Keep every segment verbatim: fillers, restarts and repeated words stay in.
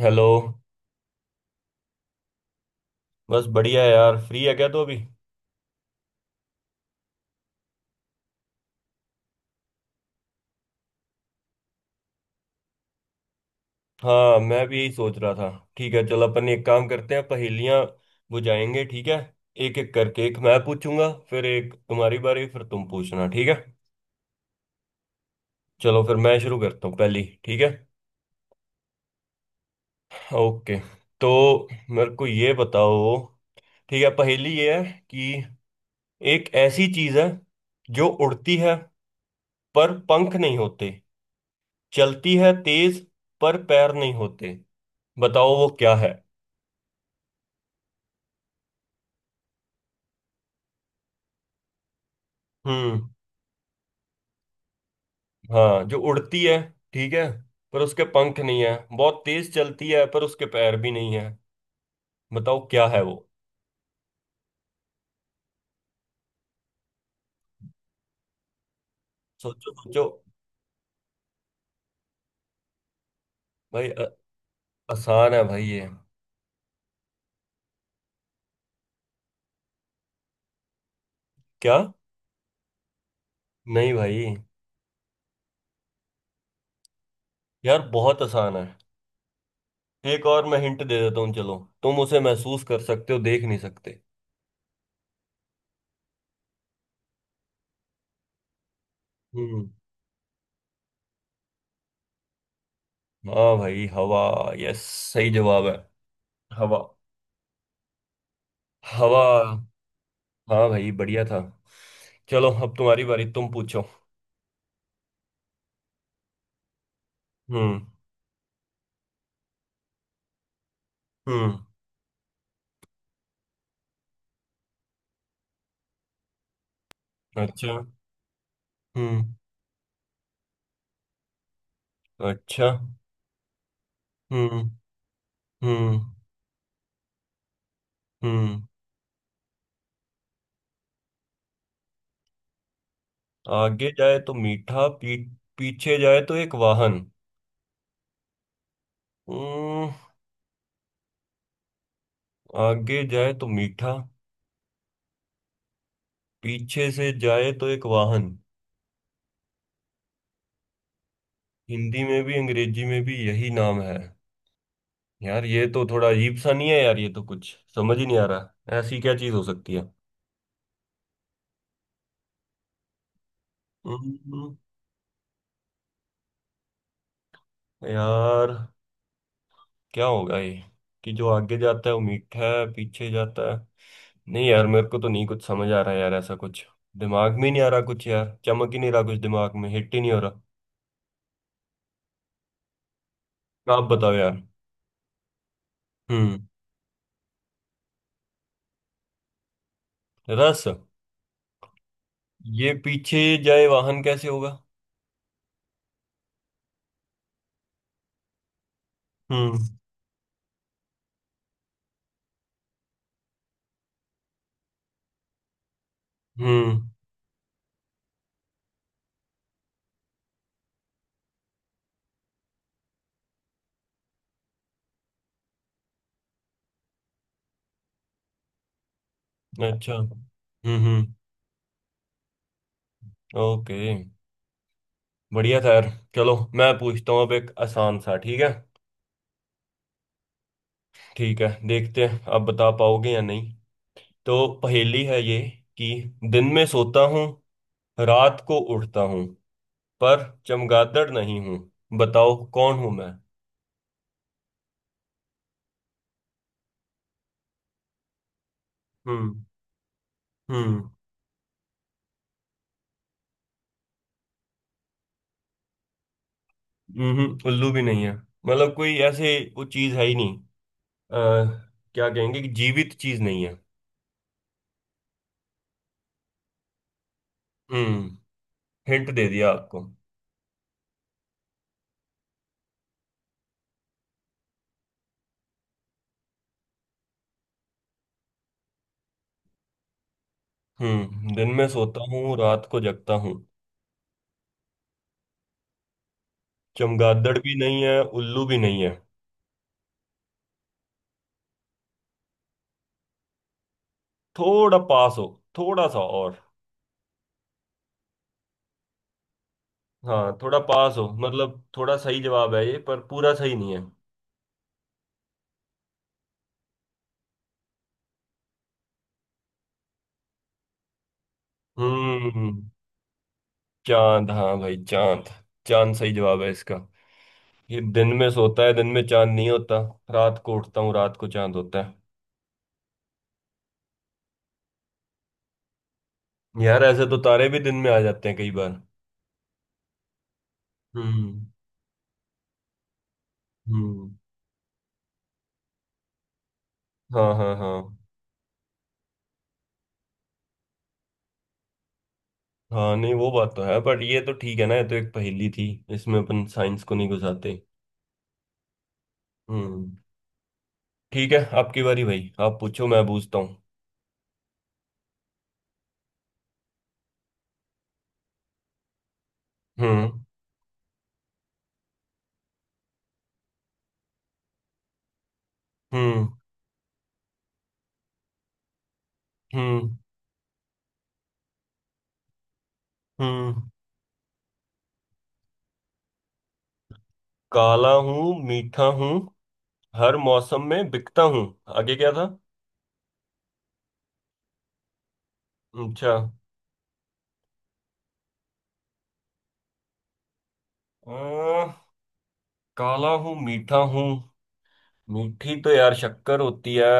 Hello. बस बढ़िया है यार। फ्री है क्या तो अभी? हाँ मैं भी यही सोच रहा था। ठीक है, चल अपन एक काम करते हैं, पहेलियां बुझाएंगे, ठीक है? एक एक करके, एक मैं पूछूंगा, फिर एक तुम्हारी बारी, फिर तुम पूछना, ठीक है? चलो फिर मैं शुरू करता हूँ पहली, ठीक है? ओके। तो मेरे को ये बताओ, ठीक है पहेली ये है कि एक ऐसी चीज है जो उड़ती है पर पंख नहीं होते, चलती है तेज पर पैर नहीं होते, बताओ वो क्या है। हम्म। हाँ जो उड़ती है, ठीक है, पर उसके पंख नहीं है। बहुत तेज चलती है पर उसके पैर भी नहीं है, बताओ क्या है वो। सोचो सोचो। भाई अ- आसान है भाई ये। क्या? नहीं भाई। यार बहुत आसान है, एक और मैं हिंट दे देता हूँ चलो। तुम उसे महसूस कर सकते हो, देख नहीं सकते। हम्म। हाँ भाई हवा। यस सही जवाब है, हवा। हवा। हाँ भाई बढ़िया था। चलो अब तुम्हारी बारी, तुम पूछो। हम्म। हम्म। अच्छा। हम्म। अच्छा। हम्म। हम्म। हम्म। आगे जाए तो मीठा, पी। पीछे जाए तो एक वाहन। हम्म। आगे जाए तो मीठा, पीछे से जाए तो एक वाहन। हिंदी में भी अंग्रेजी में भी यही नाम है। यार ये तो थोड़ा अजीब सा नहीं है, यार ये तो कुछ समझ ही नहीं आ रहा, ऐसी क्या चीज हो सकती है। हम्म। यार क्या होगा ये, कि जो आगे जाता है वो मीठा है, पीछे जाता है। नहीं यार, मेरे को तो नहीं कुछ समझ आ रहा यार, ऐसा कुछ दिमाग में ही नहीं आ रहा कुछ, यार चमक ही नहीं रहा कुछ दिमाग में, हिट ही नहीं हो रहा। आप बताओ यार। हम्म। रस। ये पीछे जाए वाहन कैसे होगा? हम्म। हम्म। अच्छा। हम्म। हम्म। ओके। बढ़िया था यार। चलो मैं पूछता हूँ अब, एक आसान सा, ठीक है? ठीक है, देखते हैं आप बता पाओगे या नहीं। तो पहेली है ये कि दिन में सोता हूँ, रात को उठता हूँ, पर चमगादड़ नहीं हूं, बताओ कौन हूं मैं। हम्म। हम्म। हम्म उल्लू भी नहीं है, मतलब कोई ऐसे वो चीज है ही नहीं। अ, क्या कहेंगे कि जीवित चीज नहीं है। हम्म। हिंट दे दिया आपको। हम्म दिन में सोता हूँ रात को जगता हूँ, चमगादड़ भी नहीं है, उल्लू भी नहीं है। थोड़ा पास हो, थोड़ा सा और। हाँ थोड़ा पास हो, मतलब थोड़ा सही जवाब है ये, पर पूरा सही नहीं है। हम्म। चांद, हाँ भाई चांद। चांद सही जवाब है इसका, कि दिन में सोता है, दिन में चांद नहीं होता, रात को उठता हूँ, रात को चांद होता है। यार ऐसे तो तारे भी दिन में आ जाते हैं कई बार। हम्म। हम्म। हाँ हाँ हाँ। हाँ नहीं वो बात तो है बट ये तो ठीक है ना, ये तो एक पहेली थी, इसमें अपन साइंस को नहीं घुसाते। हम्म। ठीक है आपकी बारी भाई, आप पूछो, मैं पूछता हूँ। हम्म। हम्म। हम्म। हम्म। काला हूँ मीठा हूँ, हर मौसम में बिकता हूँ, आगे क्या था? अच्छा। अ, काला हूँ मीठा हूँ। मीठी तो यार शक्कर होती है,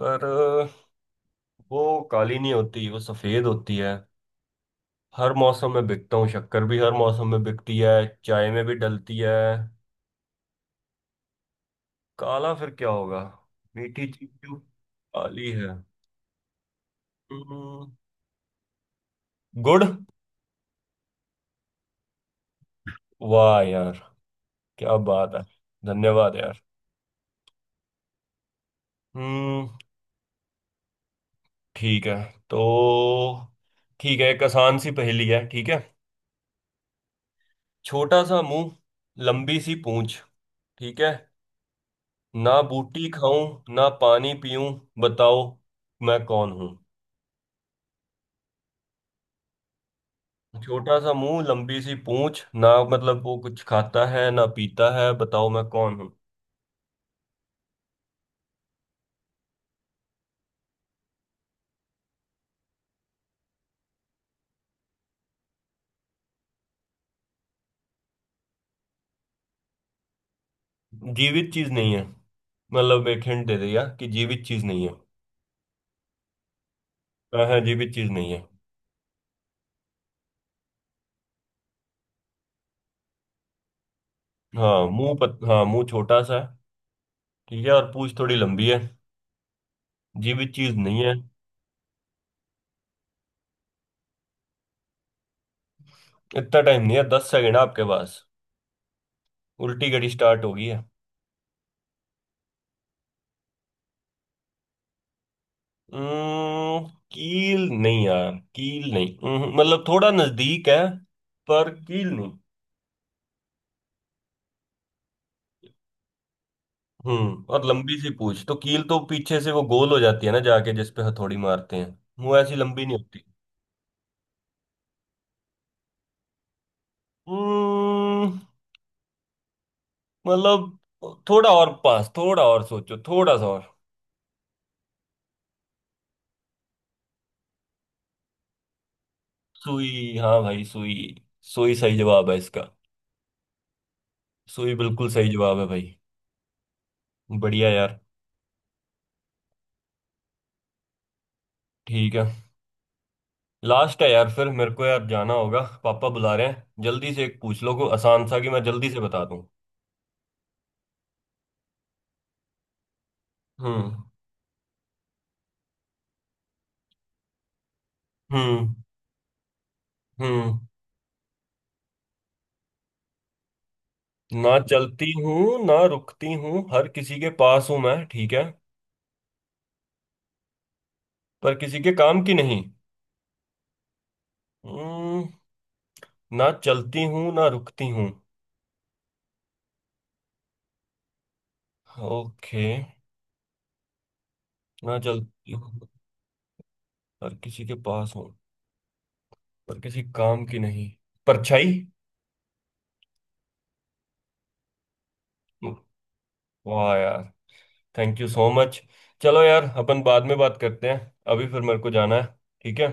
पर वो काली नहीं होती, वो सफेद होती है। हर मौसम में बिकता हूँ, शक्कर भी हर मौसम में बिकती है, चाय में भी डलती है। काला फिर क्या होगा, मीठी चीज जो काली है। हम्म, गुड़। वाह यार, क्या बात है। धन्यवाद यार। हम्म। ठीक है, तो ठीक है, एक आसान सी पहेली है, ठीक है? छोटा सा मुंह, लंबी सी पूंछ, ठीक है? ना बूटी खाऊं ना पानी पीऊं, बताओ मैं कौन हूं। छोटा सा मुंह लंबी सी पूंछ, ना मतलब वो कुछ खाता है ना पीता है, बताओ मैं कौन हूं। जीवित चीज नहीं है, मतलब एक हिंट दे दिया कि जीवित चीज नहीं है। हाँ हाँ, जीवित चीज नहीं है। हाँ मुंह पत हाँ मुंह छोटा सा है। ठीक है, और पूंछ थोड़ी लंबी है, जीवित चीज नहीं है। इतना टाइम नहीं है, दस सेकंड आपके पास, उल्टी घड़ी स्टार्ट होगी। अम्म, कील नहीं यार, कील नहीं। अम्म, मतलब थोड़ा नजदीक है पर कील नहीं। हम्म और लंबी सी पूछ, तो कील तो पीछे से वो गोल हो जाती है ना जाके, जिस पे हथौड़ी मारते हैं, वो ऐसी लंबी नहीं होती। अम्म, मतलब थोड़ा और पास, थोड़ा और सोचो, थोड़ा सा और। सुई, हाँ भाई सुई। सुई सही जवाब है इसका, सुई बिल्कुल सही जवाब है भाई। बढ़िया यार। ठीक है, लास्ट है यार, फिर मेरे को यार जाना होगा, पापा बुला रहे हैं, जल्दी से एक पूछ लो को आसान सा कि मैं जल्दी से बता दूं। हम्म। हम्म। हम्म। ना चलती हूँ ना रुकती हूँ, हर किसी के पास हूँ मैं, ठीक है। पर किसी के काम की नहीं। हम्म। ना चलती हूँ ना रुकती हूँ। ओके। ना चलती हूँ, हर किसी के पास हूँ, पर किसी काम की नहीं। परछाई। वाह यार, थैंक यू सो मच। चलो यार अपन बाद में बात करते हैं, अभी फिर मेरे को जाना है, ठीक है।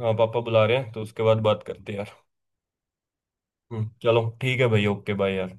हाँ पापा बुला रहे हैं तो उसके बाद बात करते हैं यार। हम्म चलो ठीक है भाई, ओके बाय यार।